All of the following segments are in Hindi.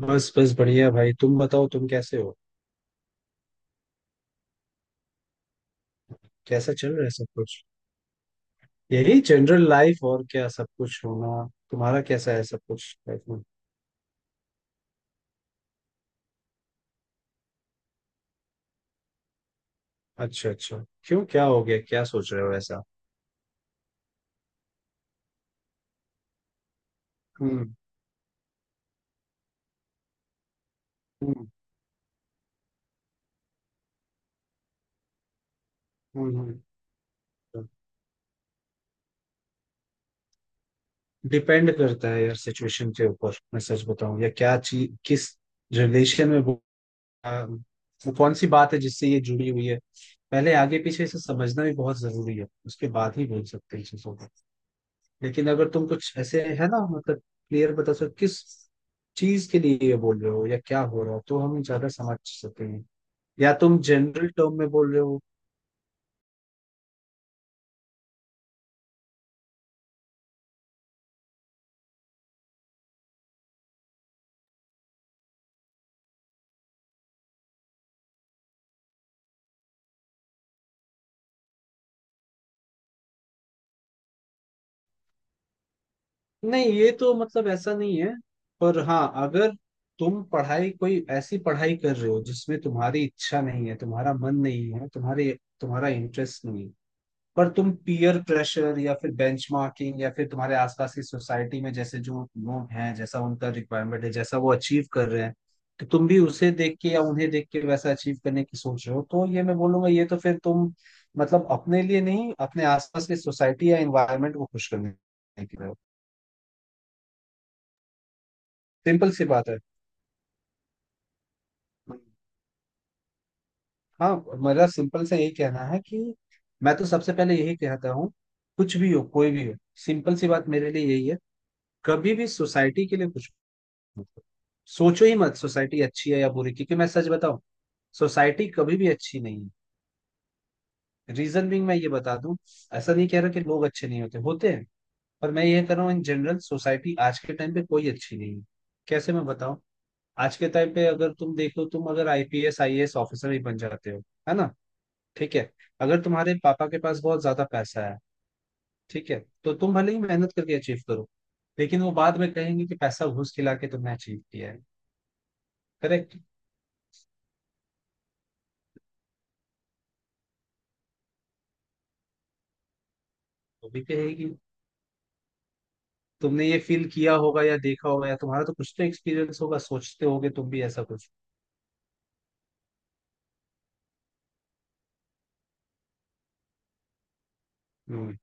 बस बस बढ़िया भाई, तुम बताओ तुम कैसे हो। कैसा चल रहा है सब कुछ? यही जनरल लाइफ, और क्या सब कुछ होना। तुम्हारा कैसा है सब कुछ लाइफ में? अच्छा अच्छा। क्यों, क्या हो गया, क्या सोच रहे हो ऐसा? हम्म। हम्म। हम्म। डिपेंड करता है यार सिचुएशन के ऊपर। मैं सच बताऊं या क्या चीज, किस रिलेशन में वो, वो कौन सी बात है जिससे ये जुड़ी हुई है। पहले आगे पीछे इसे समझना भी बहुत जरूरी है, उसके बाद ही बोल सकते हैं। लेकिन अगर तुम कुछ ऐसे है ना मतलब क्लियर बता सको किस चीज के लिए ये बोल रहे हो या क्या हो रहा है, तो हम ज्यादा समझ सकते हैं। या तुम जनरल टर्म में बोल रहे हो। नहीं ये तो मतलब ऐसा नहीं है, पर हाँ, अगर तुम पढ़ाई कोई ऐसी पढ़ाई कर रहे हो जिसमें तुम्हारी इच्छा नहीं है, तुम्हारा मन नहीं है, तुम्हारे तुम्हारा इंटरेस्ट नहीं है, पर तुम पीयर प्रेशर या फिर बेंचमार्किंग या फिर तुम्हारे आसपास की सोसाइटी में जैसे जो लोग हैं, जैसा उनका रिक्वायरमेंट है, जैसा वो अचीव कर रहे हैं, तो तुम भी उसे देख के या उन्हें देख के वैसा अचीव करने की सोच रहे हो, तो ये मैं बोलूंगा ये तो फिर तुम मतलब अपने लिए नहीं, अपने आसपास की सोसाइटी या एनवायरनमेंट को खुश करने के लिए हो। सिंपल सी बात है। हाँ, मेरा सिंपल से यही कहना है कि मैं तो सबसे पहले यही कहता हूँ, कुछ भी हो कोई भी हो, सिंपल सी बात मेरे लिए यही है, कभी भी सोसाइटी के लिए कुछ सोचो ही मत। सोसाइटी अच्छी है या बुरी, क्योंकि मैं सच बताऊं, सोसाइटी कभी भी अच्छी नहीं है। रीजन बीइंग, मैं ये बता दूं, ऐसा नहीं कह रहा कि लोग अच्छे नहीं होते होते हैं, पर मैं ये कह रहा हूँ इन जनरल सोसाइटी आज के टाइम पे कोई अच्छी नहीं है। कैसे मैं बताऊं। आज के टाइम पे अगर तुम देखो, तुम अगर आईपीएस आईएएस ऑफिसर ही बन जाते हो, है ना, ठीक है, अगर तुम्हारे पापा के पास बहुत ज्यादा पैसा है, ठीक है, तो तुम भले ही मेहनत करके अचीव करो, लेकिन वो बाद में कहेंगे कि पैसा घूस खिला के तुमने अचीव किया है। करेक्ट। वो भी कहेगी। तुमने ये फील किया होगा या देखा होगा या तुम्हारा तो कुछ तो एक्सपीरियंस होगा, सोचते होगे तुम भी ऐसा कुछ। हम्म।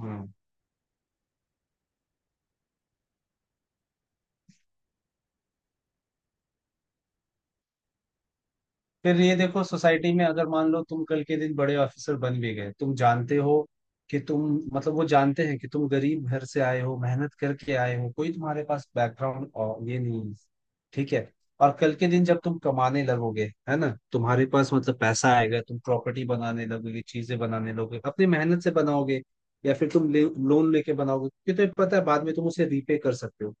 हम्म। फिर ये देखो, सोसाइटी में अगर मान लो तुम कल के दिन बड़े ऑफिसर बन भी गए, तुम जानते हो कि तुम मतलब वो जानते हैं कि तुम गरीब घर से आए हो, मेहनत करके आए हो, कोई तुम्हारे पास बैकग्राउंड ये नहीं है, ठीक है, और कल के दिन जब तुम कमाने लगोगे, है ना, तुम्हारे पास मतलब पैसा आएगा, तुम प्रॉपर्टी बनाने लगोगे, चीजें बनाने लगोगे, अपनी मेहनत से बनाओगे, या फिर तुम लोन लेके बनाओगे क्योंकि तुम्हें पता है बाद में तुम उसे रीपे कर सकते हो।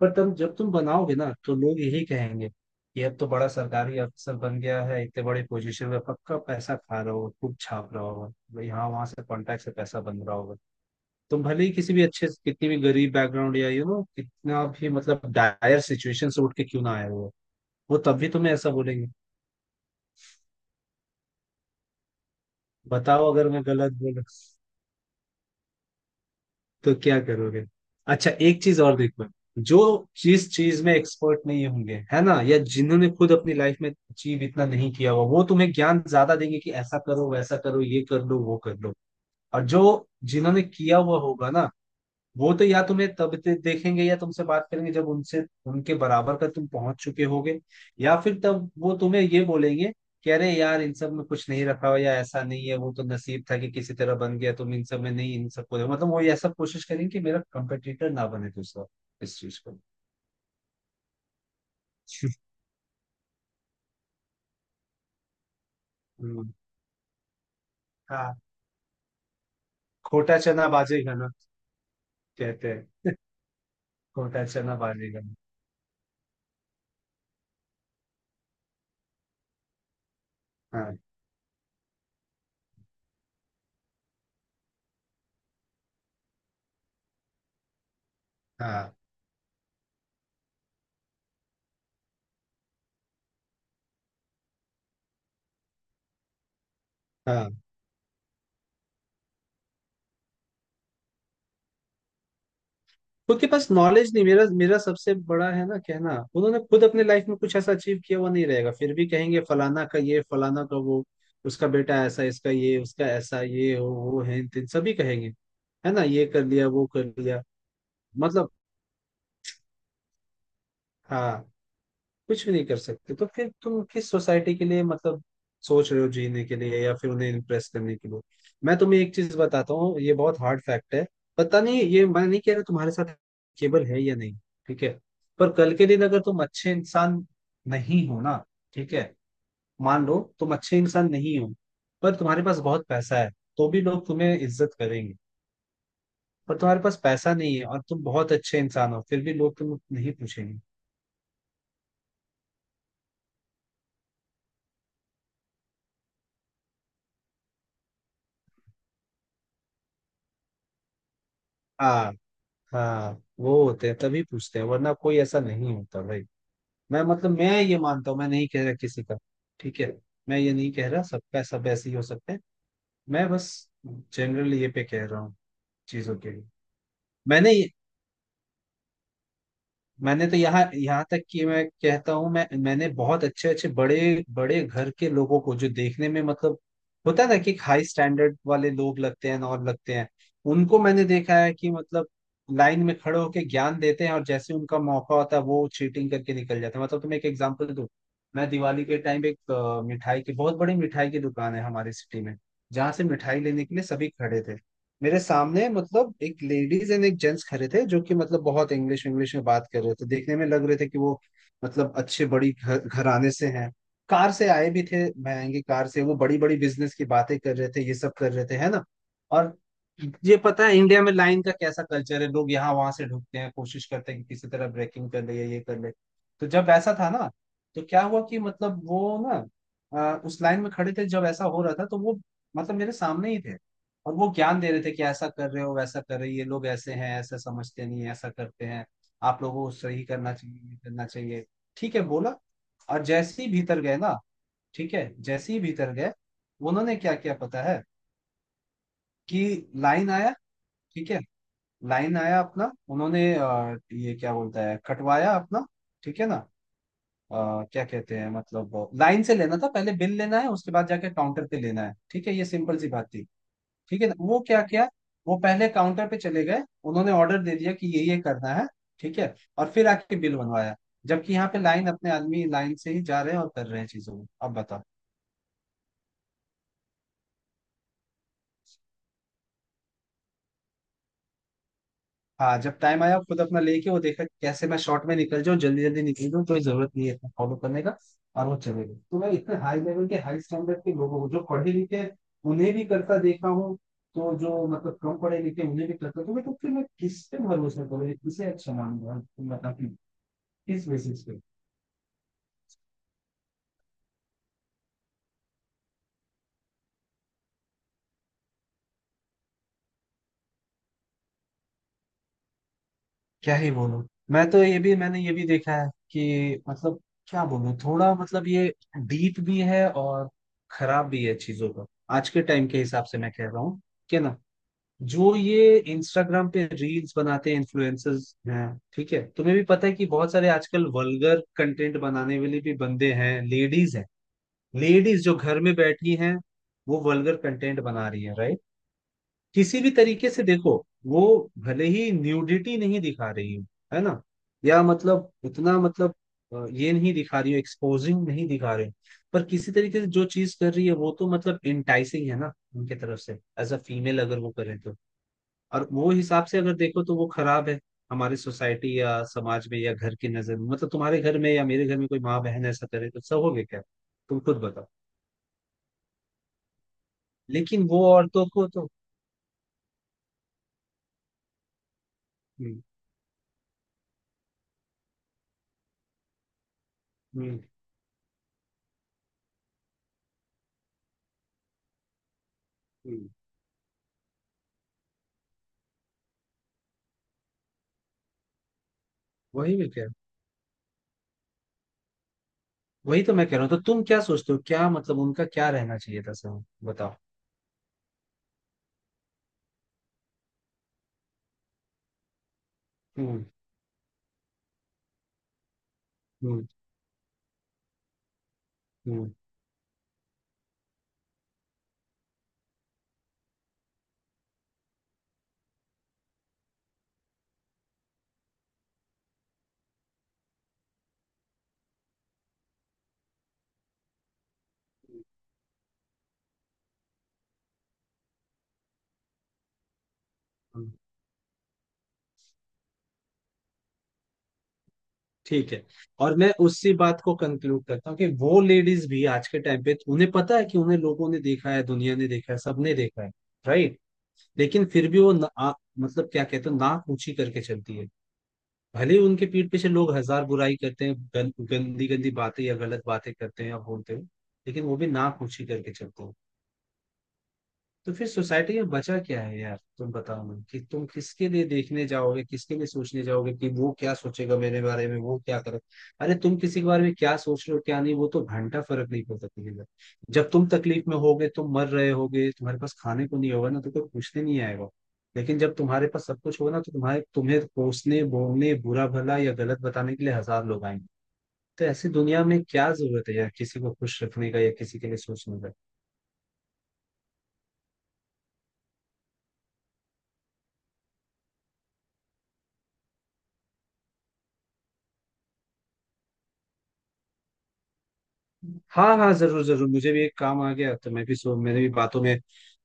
पर तुम जब तुम बनाओगे ना, तो लोग यही कहेंगे कि अब तो बड़ा सरकारी अफसर बन गया है, इतने बड़े पोजीशन में, पक्का पैसा खा रहा होगा, खूब छाप रहा होगा, यहाँ वहां से कॉन्टैक्ट से पैसा बन रहा होगा। तुम भले ही किसी भी अच्छे कितनी भी गरीब बैकग्राउंड या यू नो कितना भी मतलब डायर सिचुएशन से उठ के क्यों ना आए हो, वो तब भी तुम्हें ऐसा बोलेंगे। बताओ अगर मैं गलत बोल, तो क्या करोगे। अच्छा, एक चीज और देखो, जो जिस चीज में एक्सपर्ट नहीं होंगे है ना, या जिन्होंने खुद अपनी लाइफ में अचीव इतना नहीं किया हुआ, वो तुम्हें ज्ञान ज्यादा देंगे कि ऐसा करो वैसा करो ये कर लो वो कर लो, और जो जिन्होंने किया हुआ होगा ना, वो तो या तुम्हें तब देखेंगे या तुमसे बात करेंगे जब उनसे उनके बराबर का तुम पहुंच चुके होगे, या फिर तब वो तुम्हें ये बोलेंगे कि अरे यार इन सब में कुछ नहीं रखा हुआ या ऐसा नहीं है, वो तो नसीब था कि किसी तरह बन गया, तुम इन सब में नहीं, इन सबको मतलब वो ये सब कोशिश करेंगे कि मेरा कंपटीटर ना बने दूसरा इस चीज को। हम्म, हाँ। खोटा चना बाजेगा ना, कहते हैं। खोटा चना बाजेगा ना। हाँ हाँ, हाँ। खुद के पास नॉलेज नहीं, मेरा मेरा सबसे बड़ा है ना कहना, उन्होंने खुद अपने लाइफ में कुछ ऐसा अचीव किया हुआ नहीं रहेगा, फिर भी कहेंगे फलाना का ये, फलाना का वो, उसका बेटा ऐसा, इसका ये, उसका ऐसा, ये हो वो है, तीन सभी कहेंगे, है ना, ये कर लिया वो कर लिया। मतलब। हाँ। कुछ भी नहीं कर सकते, तो फिर तुम किस सोसाइटी के लिए मतलब सोच रहे हो जीने के लिए, या फिर उन्हें इम्प्रेस करने के लिए। मैं तुम्हें एक चीज बताता हूँ, ये बहुत हार्ड फैक्ट है, पता नहीं ये, मैं नहीं कह रहा तुम्हारे साथ केबल है या नहीं, ठीक है, पर कल के दिन अगर तुम अच्छे इंसान नहीं हो ना, ठीक है, मान लो तुम अच्छे इंसान नहीं हो पर तुम्हारे पास बहुत पैसा है, तो भी लोग तुम्हें इज्जत करेंगे, पर तुम्हारे पास पैसा नहीं है और तुम बहुत अच्छे इंसान हो, फिर भी लोग तुम नहीं पूछेंगे। हाँ हाँ। वो होते हैं तभी पूछते हैं, वरना कोई ऐसा नहीं होता भाई। मैं ये मानता हूँ, मैं नहीं कह रहा किसी का, ठीक है, मैं ये नहीं कह रहा सबका सब ऐसे ही हो सकते हैं, मैं बस जनरली ये पे कह रहा हूँ चीजों के लिए। मैंने मैंने तो यहाँ यहाँ तक कि मैं कहता हूँ मैंने बहुत अच्छे अच्छे बड़े बड़े घर के लोगों को जो देखने में मतलब होता है ना कि हाई स्टैंडर्ड वाले लोग लगते हैं और लगते हैं, उनको मैंने देखा है कि मतलब लाइन में खड़े होकर ज्ञान देते हैं और जैसे उनका मौका होता है वो चीटिंग करके निकल जाते हैं। मतलब तुम्हें एक एग्जांपल दूं, मैं दिवाली के टाइम एक मिठाई की बहुत बड़ी मिठाई की दुकान है हमारे सिटी में जहाँ से मिठाई लेने के लिए सभी खड़े थे, मेरे सामने मतलब एक लेडीज एंड एक जेंट्स खड़े थे जो कि मतलब बहुत इंग्लिश इंग्लिश में बात कर रहे थे, देखने में लग रहे थे कि वो मतलब अच्छे बड़ी घर घराने से हैं, कार से आए भी थे, महंगी कार से, वो बड़ी बड़ी बिजनेस की बातें कर रहे थे, ये सब कर रहे थे है ना। और ये पता है इंडिया में लाइन का कैसा कल्चर है, लोग यहाँ वहां से ढूंढते हैं, कोशिश करते हैं कि किसी तरह ब्रेकिंग कर ले या ये कर ले। तो जब ऐसा था ना, तो क्या हुआ कि मतलब वो ना, उस लाइन में खड़े थे, जब ऐसा हो रहा था तो वो मतलब मेरे सामने ही थे, और वो ज्ञान दे रहे थे कि ऐसा कर रहे हो वैसा कर रहे हो, ये लोग ऐसे हैं, ऐसा समझते नहीं, ऐसा करते हैं, आप लोगों को सही करना चाहिए, ये करना चाहिए, ठीक है, बोला। और जैसे ही भीतर गए ना, ठीक है, जैसे ही भीतर गए, उन्होंने क्या किया पता है कि लाइन आया, ठीक है, लाइन आया अपना, उन्होंने ये क्या बोलता है कटवाया अपना, ठीक है ना, क्या कहते हैं मतलब लाइन से लेना था पहले, बिल लेना है उसके बाद जाके काउंटर पे लेना है, ठीक है, ये सिंपल सी बात थी। ठीक है ना, वो क्या किया, वो पहले काउंटर पे चले गए, उन्होंने ऑर्डर दे दिया कि ये करना है, ठीक है, और फिर आके बिल बनवाया, जबकि यहाँ पे लाइन अपने आदमी लाइन से ही जा रहे हैं और कर रहे हैं चीजों को। अब बताओ। हाँ, जब टाइम आया खुद अपना लेके, वो देखा कि कैसे मैं शॉर्ट में निकल जाऊँ, जल्दी जल्दी निकल जाऊँ, कोई जरूरत नहीं है इतना फॉलो करने का, और वो चले गए। तो मैं इतने हाई लेवल के हाई स्टैंडर्ड के लोगों को जो पढ़े लिखे हैं, उन्हें भी करता देखा हूँ, तो जो मतलब कम पढ़े लिखे हैं, उन्हें भी करता, तो मैं तो फिर मैं किस पे भरोसा करूँ, किसे अच्छा मानूंगा, तुम बताओ कि किस बेसिस पे। क्या ही बोलूं। मैं तो ये भी, मैंने ये भी देखा है कि मतलब क्या बोलूं, थोड़ा मतलब ये डीप भी है और खराब भी है चीजों का, आज के टाइम के हिसाब से मैं कह रहा हूँ कि ना, जो ये इंस्टाग्राम पे रील्स बनाते हैं इन्फ्लुएंसर्स हैं, ठीक है, तुम्हें भी पता है कि बहुत सारे आजकल वल्गर कंटेंट बनाने वाले भी बंदे हैं, लेडीज हैं। लेडीज जो घर में बैठी हैं, वो वल्गर कंटेंट बना रही है, राइट। किसी भी तरीके से देखो, वो भले ही न्यूडिटी नहीं दिखा रही हो, है ना, या मतलब उतना मतलब ये नहीं दिखा रही हो, एक्सपोजिंग नहीं दिखा रही हो, पर किसी तरीके से जो चीज कर रही है वो तो मतलब इंटाइसिंग है ना उनके तरफ से, एज अ फीमेल अगर वो करें तो, और वो हिसाब से अगर देखो तो वो खराब है हमारे सोसाइटी या समाज में या घर की नजर में, मतलब तुम्हारे घर में या मेरे घर में कोई माँ बहन ऐसा करे तो सहोगे क्या, तुम खुद बताओ। लेकिन वो औरतों को तो। हम्म। हम्म। हम्म, वही में क्या है? वही तो मैं कह रहा हूँ, तो तुम क्या सोचते हो क्या मतलब उनका क्या रहना चाहिए था, सर बताओ। हम्म। हम्म। हम्म। हम्म, ठीक है, और मैं उसी बात को कंक्लूड करता हूँ कि वो लेडीज भी आज के टाइम पे उन्हें पता है कि उन्हें लोगों ने देखा है, दुनिया ने देखा है, सबने देखा है, राइट, लेकिन फिर भी वो ना, मतलब क्या कहते हैं नाक ऊंची करके चलती है, भले ही उनके पीठ पीछे लोग हजार बुराई करते हैं, गंदी गंदी बातें या गलत बातें करते हैं या बोलते हैं, लेकिन वो भी नाक ऊंची करके चलते हैं। तो फिर सोसाइटी में बचा क्या है यार, तुम बताओ मुझे कि तुम किसके लिए देखने जाओगे, किसके लिए सोचने जाओगे कि वो क्या सोचेगा मेरे बारे में, वो क्या करे। अरे तुम किसी के बारे में क्या सोच रहे हो क्या नहीं, वो तो घंटा फर्क नहीं पड़ता किसी का। जब तुम तकलीफ में होगे, तुम मर रहे होगे, तुम्हारे पास खाने को नहीं होगा ना, तो कोई पूछने नहीं आएगा, लेकिन जब तुम्हारे पास सब कुछ होगा ना, तो तुम्हारे तुम्हें कोसने बोलने बुरा भला या गलत बताने के लिए हजार लोग आएंगे। तो ऐसी दुनिया में क्या जरूरत है यार किसी को खुश रखने का या किसी के लिए सोचने का। हाँ हाँ, जरूर जरूर, मुझे भी एक काम आ गया, तो मैं भी सो मैंने भी बातों में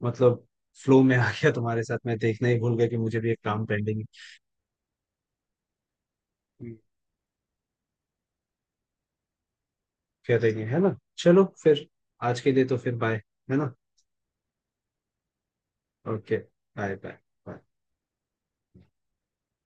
मतलब फ्लो में आ गया तुम्हारे साथ, मैं देखना ही भूल गया कि मुझे भी एक काम पेंडिंग। कर देंगे, है ना, चलो फिर, आज के लिए तो फिर बाय, है ना। Okay, bye bye. बाय।